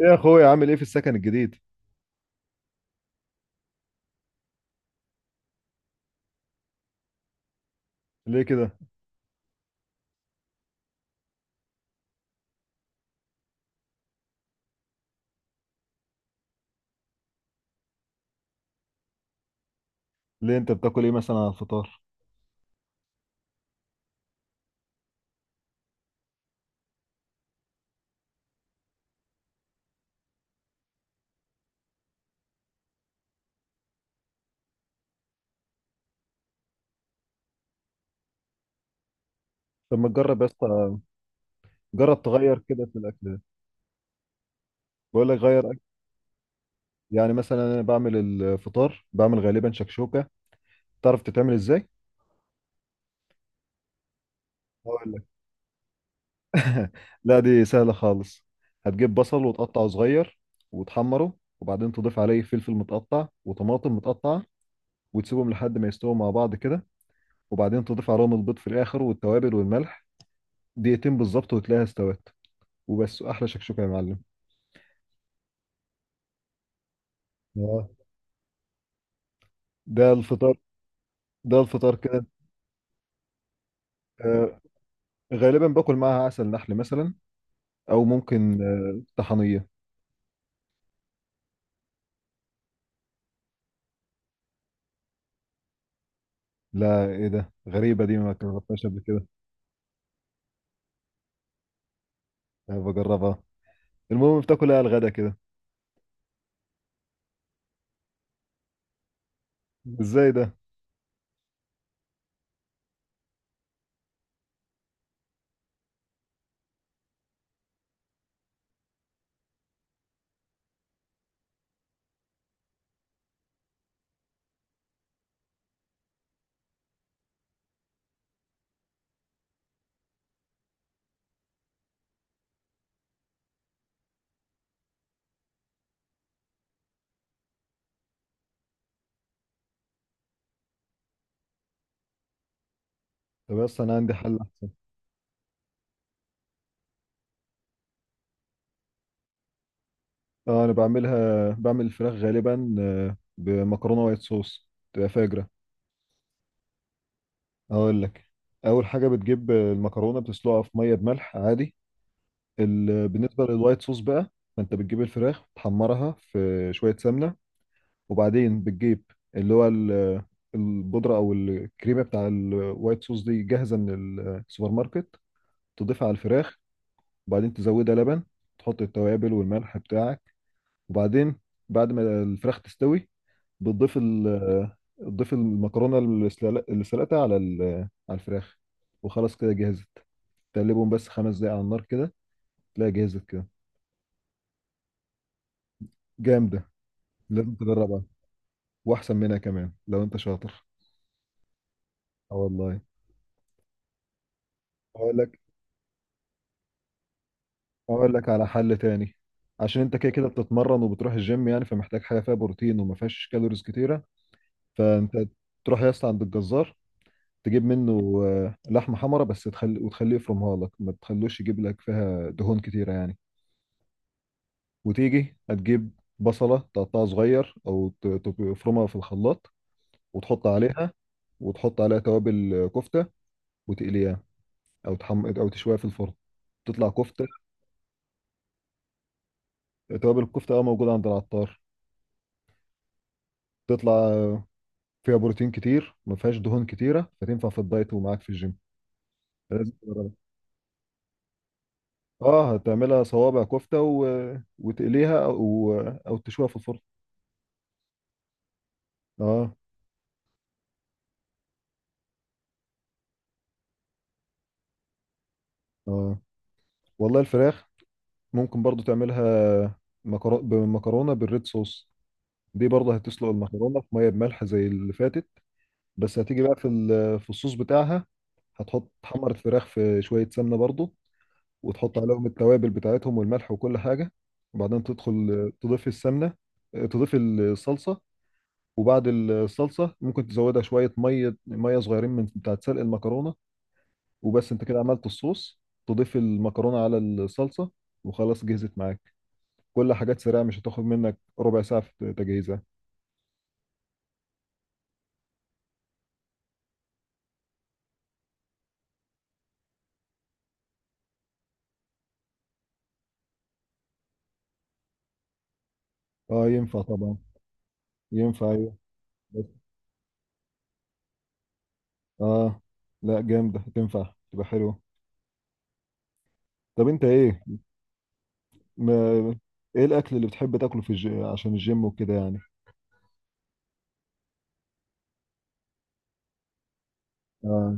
ايه يا اخويا، عامل ايه في السكن الجديد؟ ليه كده؟ ليه انت بتاكل ايه مثلا على الفطار؟ طب ما تجرب يا اسطى، جرب تغير كده في الاكل ده. بقول لك غير أكل. يعني مثلا انا بعمل الفطار، بعمل غالبا شكشوكه. تعرف تتعمل ازاي؟ هقول لك. لا دي سهله خالص. هتجيب بصل وتقطعه صغير وتحمره، وبعدين تضيف عليه فلفل متقطع وطماطم متقطعه، وتسيبهم لحد ما يستووا مع بعض كده، وبعدين تضيف عليهم البيض في الاخر والتوابل والملح. دقيقتين بالظبط وتلاقيها استوت، وبس احلى شكشوكه يا معلم. آه. ده الفطار ده الفطار كده. آه، غالبا باكل معاها عسل نحل مثلا، او ممكن طحنيه. لا، ايه ده؟ غريبه دي، ما جربتهاش قبل كده. بجربها. المهم بتاكلها على الغدا كده؟ ازاي ده؟ طب بس انا عندي حل احسن. اه، انا بعملها، بعمل الفراخ غالبا بمكرونه وايت صوص، تبقى فاجره. اقول لك. اول حاجه بتجيب المكرونه، بتسلقها في ميه بملح عادي. بالنسبه للوايت صوص بقى، فانت بتجيب الفراخ تحمرها في شويه سمنه، وبعدين بتجيب اللي هو البودرة أو الكريمة بتاع الوايت صوص دي جاهزة من السوبر ماركت، تضيفها على الفراخ. وبعدين تزودها لبن، تحط التوابل والملح بتاعك. وبعدين بعد ما الفراخ تستوي بتضيف ال تضيف المكرونة اللي سلقتها على الفراخ، وخلاص كده جهزت. تقلبهم بس 5 دقايق على النار كده، تلاقي جهزت كده. جامدة. لازم تجربها، وأحسن منها كمان لو أنت شاطر. اه والله. أقول لك اقول لك على حل تاني. عشان انت كده كده بتتمرن وبتروح الجيم يعني، فمحتاج حاجه فيها بروتين وما فيهاش كالوريز كتيره. فانت تروح يا اسطى عند الجزار، تجيب منه لحمه حمرا، بس تخلي وتخليه يفرمها لك، ما تخلوش يجيب لك فيها دهون كتيره يعني. وتيجي هتجيب بصله، تقطعها صغير او تفرمها في الخلاط، وتحط عليها، توابل كفته، وتقليها او تشويها في الفرن، تطلع كفته. توابل الكفته اه موجوده عند العطار. تطلع فيها بروتين كتير، ما فيهاش دهون كتيره، فتنفع في الدايت ومعاك في الجيم. لازم تجربها. اه، هتعملها صوابع كفته وتقليها، او تشويها في الفرن. اه، اه، والله الفراخ ممكن برضو تعملها بمكرونه بالريد صوص. دي برضه هتسلق المكرونه في ميه بملح زي اللي فاتت. بس هتيجي بقى في الصوص بتاعها. هتحط تحمر الفراخ في شويه سمنه برضه، وتحط عليهم التوابل بتاعتهم والملح وكل حاجه، وبعدين تدخل تضيف السمنه، تضيف الصلصه. وبعد الصلصه ممكن تزودها شويه ميه ميه صغيرين من بتاعه سلق المكرونه، وبس انت كده عملت الصوص. تضيف المكرونه على الصلصه، وخلاص جهزت معاك. كل حاجات سريعه، مش هتاخد منك ربع ساعه في تجهيزها. اه، ينفع طبعا. ينفع ايوه. بس اه، لا، جامده، تنفع تبقى حلوه. طب انت ايه؟ ما ايه الاكل اللي بتحب تاكله عشان الجيم وكده يعني. اه.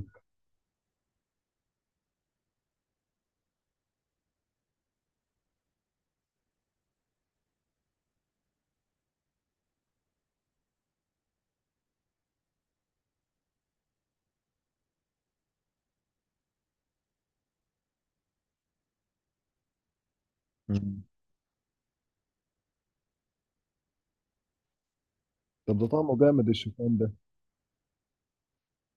مم. طب ده طعمه جامد الشوفان ده.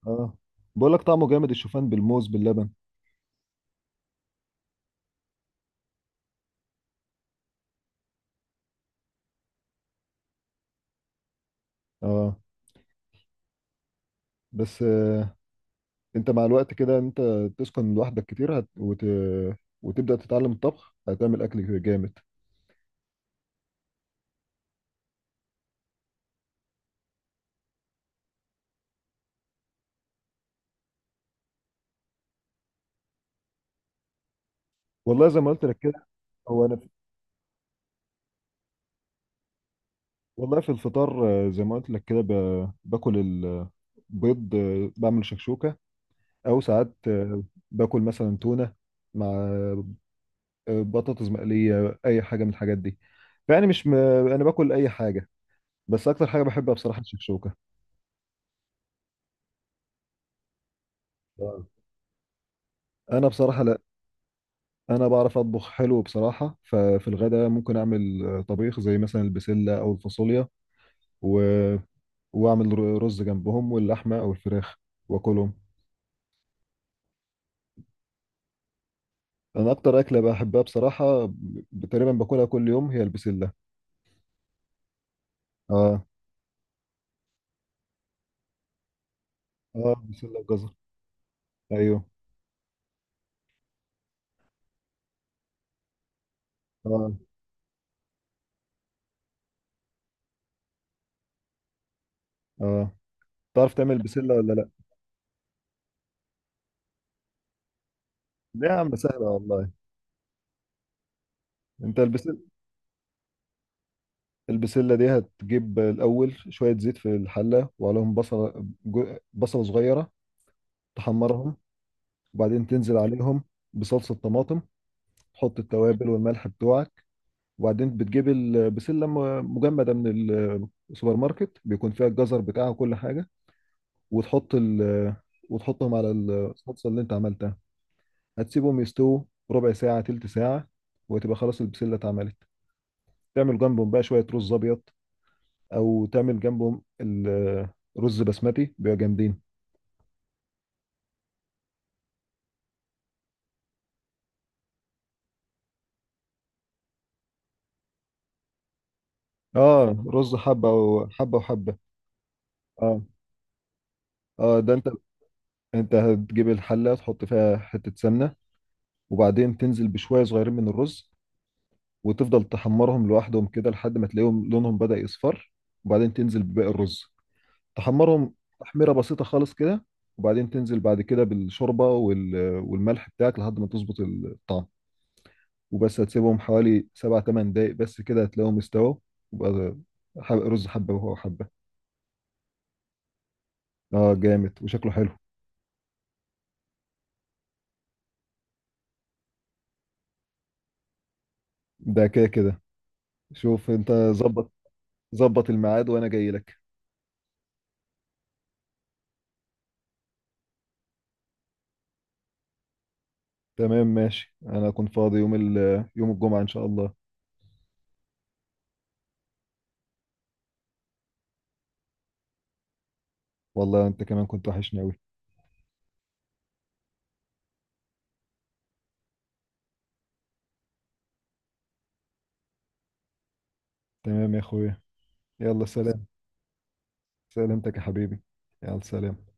اه، بقول لك طعمه جامد الشوفان بالموز باللبن. اه، بس انت مع الوقت كده، انت تسكن لوحدك كتير، وتبدا تتعلم الطبخ، هتعمل اكل جامد. والله زي ما قلت لك كده. هو انا في... والله في الفطار زي ما قلت لك كده، باكل البيض، بعمل شكشوكه. او ساعات باكل مثلا تونه مع بطاطس مقليه، اي حاجه من الحاجات دي. فيعني مش انا باكل اي حاجه، بس اكتر حاجه بحبها بصراحه الشكشوكه. آه. انا بصراحه، لا. انا بعرف اطبخ حلو بصراحه، ففي الغداء ممكن اعمل طبيخ زي مثلا البسله او الفاصوليا، و... واعمل رز جنبهم واللحمه او الفراخ واكلهم. انا اكتر اكله بحبها بصراحه، تقريبا باكلها كل يوم، هي البسله. اه. اه، بسله وجزر، ايوه. اه، اه، تعرف تعمل بسله ولا لا؟ لا يا عم، سهله والله. انت، البسله دي هتجيب الاول شويه زيت في الحله، وعليهم بصله صغيره، تحمرهم. وبعدين تنزل عليهم بصلصة طماطم، تحط التوابل والملح بتوعك. وبعدين بتجيب بسلة مجمدة من السوبر ماركت، بيكون فيها الجزر بتاعها وكل حاجة، وتحط ال وتحطهم على الصلصة اللي انت عملتها. هتسيبهم يستووا، ربع ساعة تلت ساعة، وتبقى خلاص البسلة اتعملت. تعمل جنبهم بقى شوية رز أبيض، أو تعمل جنبهم رز بسمتي، بيبقى جامدين. اه، رز حبة وحبة وحبة. اه، اه. ده انت انت هتجيب الحله تحط فيها حته سمنه، وبعدين تنزل بشويه صغيرين من الرز، وتفضل تحمرهم لوحدهم كده لحد ما تلاقيهم لونهم بدأ يصفر. وبعدين تنزل بباقي الرز، تحمرهم. تحميره بسيطه خالص كده، وبعدين تنزل بعد كده بالشوربه والملح بتاعك لحد ما تظبط الطعم. وبس هتسيبهم حوالي 7 8 دقايق بس كده، هتلاقيهم استووا. وبقى رز حبه وهو حبه. اه، جامد وشكله حلو. ده كده كده. شوف، انت ظبط ظبط الميعاد وانا جاي لك. تمام ماشي، انا كنت فاضي يوم الجمعة ان شاء الله. والله انت كمان كنت وحشني اوي. تمام يا اخويا، يلا سلام. سلامتك يا حبيبي، يلا سلام.